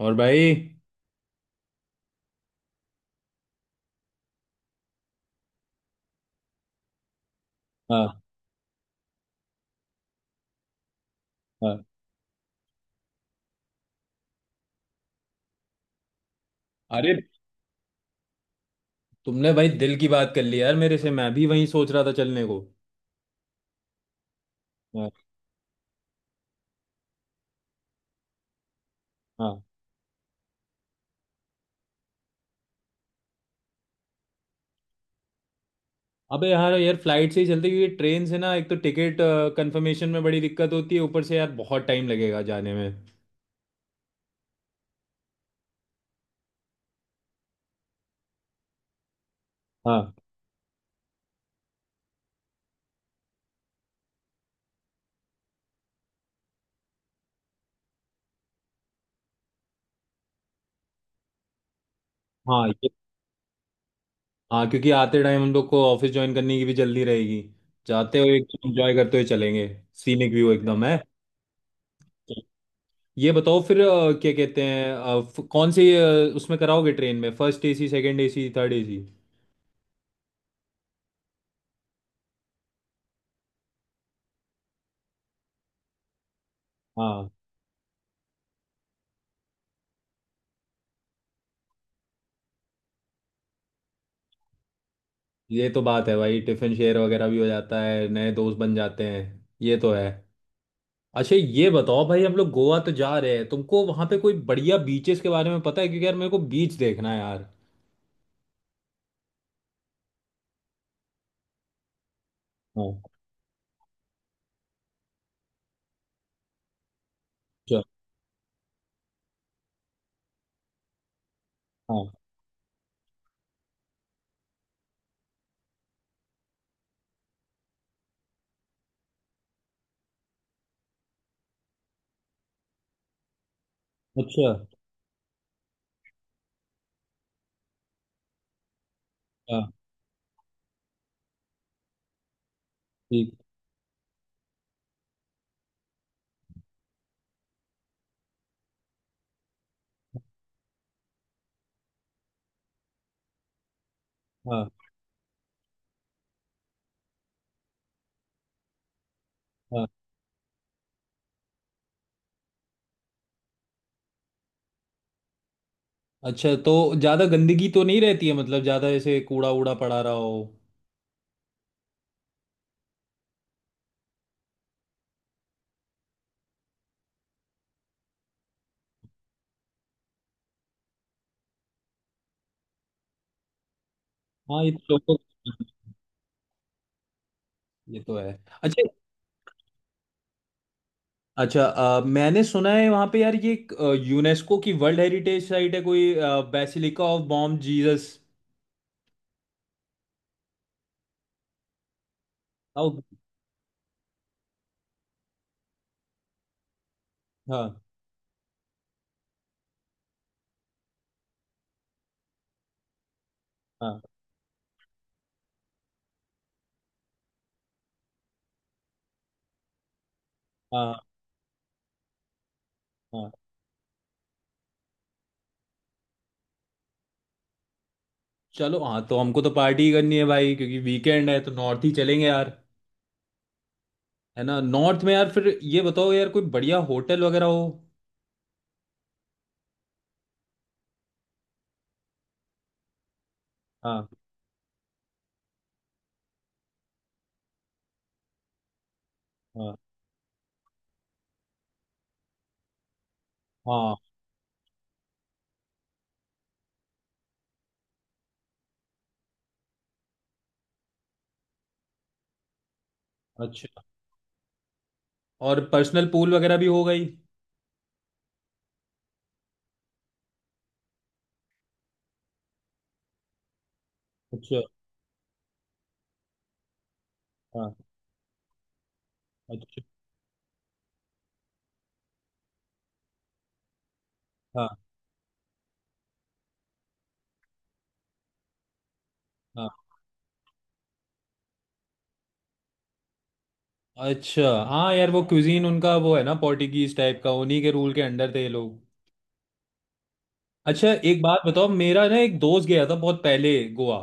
और भाई। हाँ, हाँ। अरे, तुमने भाई दिल की बात कर ली यार मेरे से। मैं भी वहीं सोच रहा था चलने को। हाँ, हाँ। अबे यार यार फ्लाइट से ही चलते, क्योंकि ट्रेन से ना एक तो टिकट कंफर्मेशन में बड़ी दिक्कत होती है, ऊपर से यार बहुत टाइम लगेगा जाने में। हाँ, हाँ, ये। हाँ, क्योंकि आते टाइम हम लोग को ऑफिस ज्वाइन करने की भी जल्दी रहेगी। जाते हुए एकदम एंजॉय करते हुए चलेंगे। सीनिक व्यू एकदम है। ये बताओ फिर क्या कहते हैं कौन सी उसमें कराओगे ट्रेन में, first AC, second AC, third AC? हाँ, ये तो बात है भाई। टिफिन शेयर वगैरह भी हो जाता है, नए दोस्त बन जाते हैं। ये तो है। अच्छा, ये बताओ भाई, हम लोग गोवा तो जा रहे हैं, तुमको वहां पे कोई बढ़िया बीचेस के बारे में पता है? क्योंकि यार मेरे को बीच देखना है यार। हाँ। अच्छा। हाँ। अच्छा। हाँ। ठीक। हाँ। हाँ। अच्छा, तो ज्यादा गंदगी तो नहीं रहती है? मतलब ज्यादा ऐसे कूड़ा वूड़ा पड़ा रहा हो? हाँ, ये तो लोगों। ये तो है। अच्छा। अच्छा, मैंने सुना है वहां पे यार, ये यूनेस्को की वर्ल्ड हेरिटेज साइट है कोई, basilica of Bom Jesus. South. हाँ। हाँ। हाँ। हाँ। चलो, हाँ, तो हमको तो पार्टी करनी है भाई क्योंकि वीकेंड है, तो नॉर्थ ही चलेंगे यार। है ना, नॉर्थ में यार, फिर ये बताओ यार, कोई बढ़िया होटल वगैरह हो। हाँ। हाँ। हाँ। अच्छा, और पर्सनल पूल वगैरह भी हो गई। अच्छा। हाँ। अच्छा। हाँ। हाँ। अच्छा, हाँ यार वो क्यूजीन उनका वो है ना पोर्टुगीज टाइप का, उन्हीं के रूल के अंडर थे ये लोग। अच्छा, एक बात बताओ, मेरा ना एक दोस्त गया था बहुत पहले गोवा।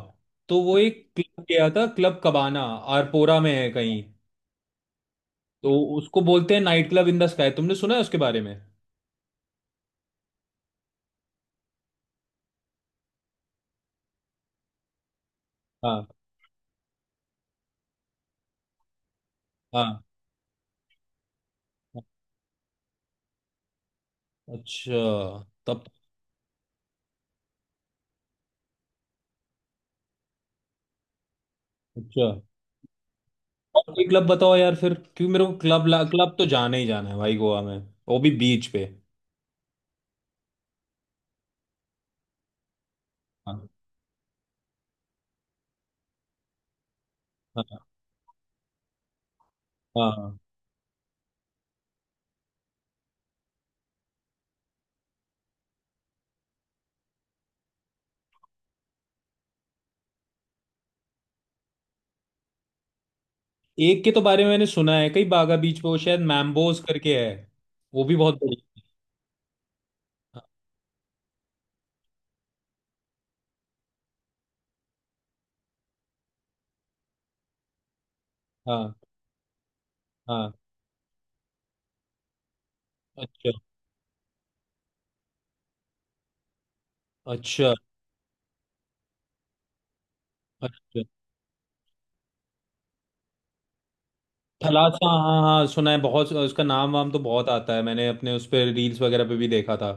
तो वो एक क्लब गया था, क्लब कबाना। आरपोरा में है कहीं। तो उसको बोलते हैं night club in the sky. तुमने सुना है उसके बारे में? हाँ, हाँ। अच्छा। तब। अच्छा, और कोई क्लब बताओ यार फिर, क्योंकि मेरे को क्लब क्लब तो जाना ही जाना है भाई गोवा में। वो भी बीच पे। हाँ। हाँ। हाँ। एक के तो बारे में मैंने सुना है, कई बागा बीच पे, वो शायद मैम्बोज करके है। वो भी बहुत बड़ी। हाँ। हाँ। अच्छा। अच्छा। अच्छा, थलासा, हाँ, हाँ, सुना है बहुत, उसका नाम वाम तो बहुत आता है, मैंने अपने उस पर रील्स वगैरह पे भी देखा था।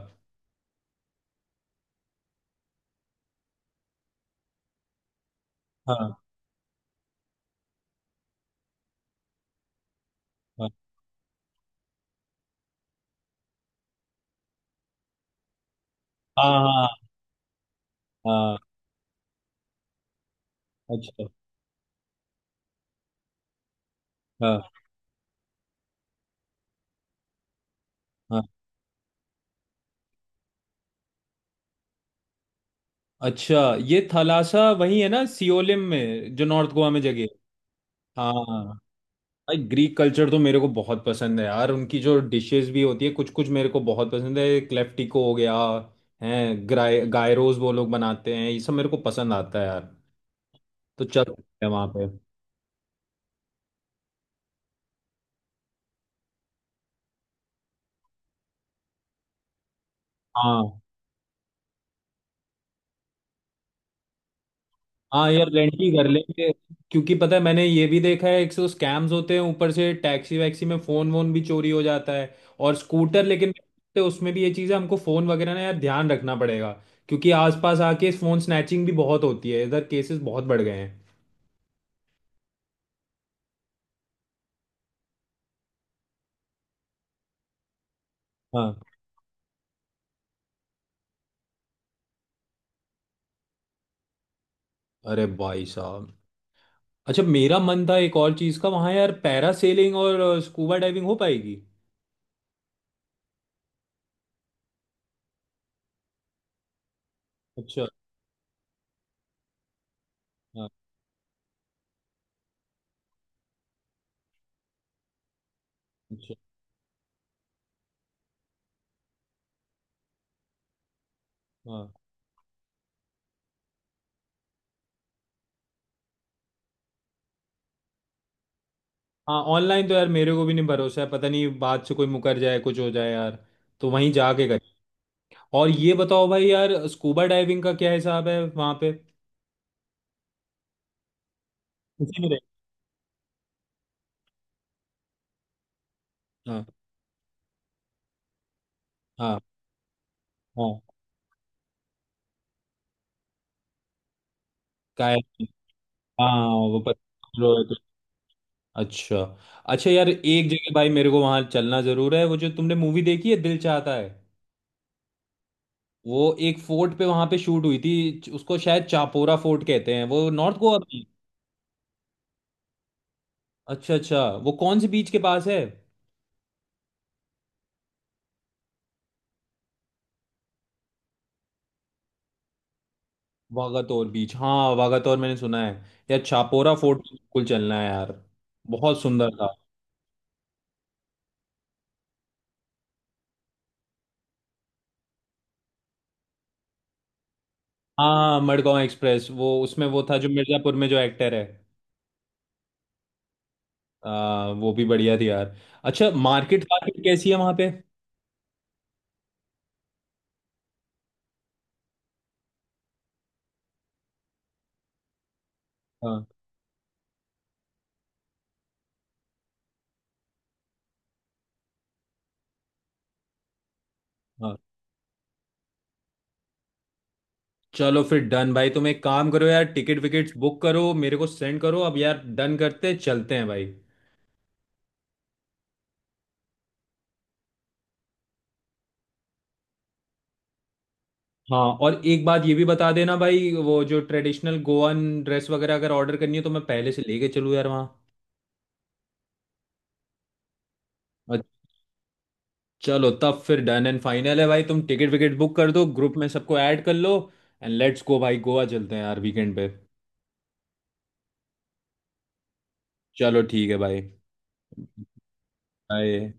हाँ, हाँ। हाँ, हाँ, हाँ। अच्छा। हाँ, हाँ। अच्छा, ये थलासा वही है ना सियोलिम में, जो नॉर्थ गोवा में जगह है? हाँ। भाई ग्रीक कल्चर तो मेरे को बहुत पसंद है यार। उनकी जो डिशेस भी होती है कुछ कुछ मेरे को बहुत पसंद है, क्लेफ्टिको हो गया है, ग्राय गायरोस वो लोग बनाते हैं, ये सब मेरे को पसंद आता है यार। तो चल सकते हैं वहाँ पे। हाँ। हाँ, यार रेंट ही कर लेंगे। क्योंकि पता है, मैंने ये भी देखा है 100 स्कैम्स होते हैं, ऊपर से टैक्सी वैक्सी में फोन वोन भी चोरी हो जाता है। और स्कूटर लेकिन, तो उसमें भी ये चीज़ है, हमको फोन वगैरह ना यार ध्यान रखना पड़ेगा। क्योंकि आसपास आके फोन स्नैचिंग भी बहुत होती है इधर, केसेस बहुत बढ़ गए हैं। हाँ। अरे भाई साहब। अच्छा, मेरा मन था एक और चीज़ का वहाँ यार, पैरासेलिंग और स्कूबा डाइविंग हो पाएगी? अच्छा। हाँ। अच्छा। हाँ। हाँ, ऑनलाइन तो यार मेरे को भी नहीं भरोसा है, पता नहीं बात से कोई मुकर जाए, कुछ हो जाए यार। तो वहीं जाके कर। और ये बताओ भाई यार, स्कूबा डाइविंग का क्या हिसाब है वहां पे? उसी में रहे? हाँ। हाँ। हाँ। काया- हाँ, वो पता। अच्छा। अच्छा यार, एक जगह भाई मेरे को वहां चलना जरूर है। वो जो तुमने मूवी देखी है दिल चाहता है, वो एक फोर्ट पे वहां पे शूट हुई थी, उसको शायद चापोरा फोर्ट कहते हैं वो, नॉर्थ गोवा में। अच्छा, अच्छा, वो कौन से बीच के पास है? वागातोर बीच, हाँ वागातोर मैंने सुना है। यार चापोरा फोर्ट तो बिल्कुल चलना है यार, बहुत सुंदर था। हाँ, मडगांव एक्सप्रेस, वो उसमें वो था जो मिर्जापुर में जो एक्टर है। वो भी बढ़िया थी यार। अच्छा, मार्केट मार्केट कैसी है वहाँ पे? हाँ। हाँ। चलो फिर डन भाई, तुम एक काम करो यार, टिकट विकेट्स बुक करो, मेरे को सेंड करो अब यार, डन करते चलते हैं भाई। हाँ, और एक बात ये भी बता देना भाई, वो जो ट्रेडिशनल गोवन ड्रेस वगैरह अगर ऑर्डर करनी है तो मैं पहले से लेके चलूँ यार वहाँ। चलो तब फिर डन एंड फाइनल है भाई, तुम टिकट विकेट बुक कर दो, ग्रुप में सबको ऐड कर लो, एंड लेट्स गो भाई, गोवा चलते हैं यार वीकेंड पे। चलो ठीक है भाई। बाय।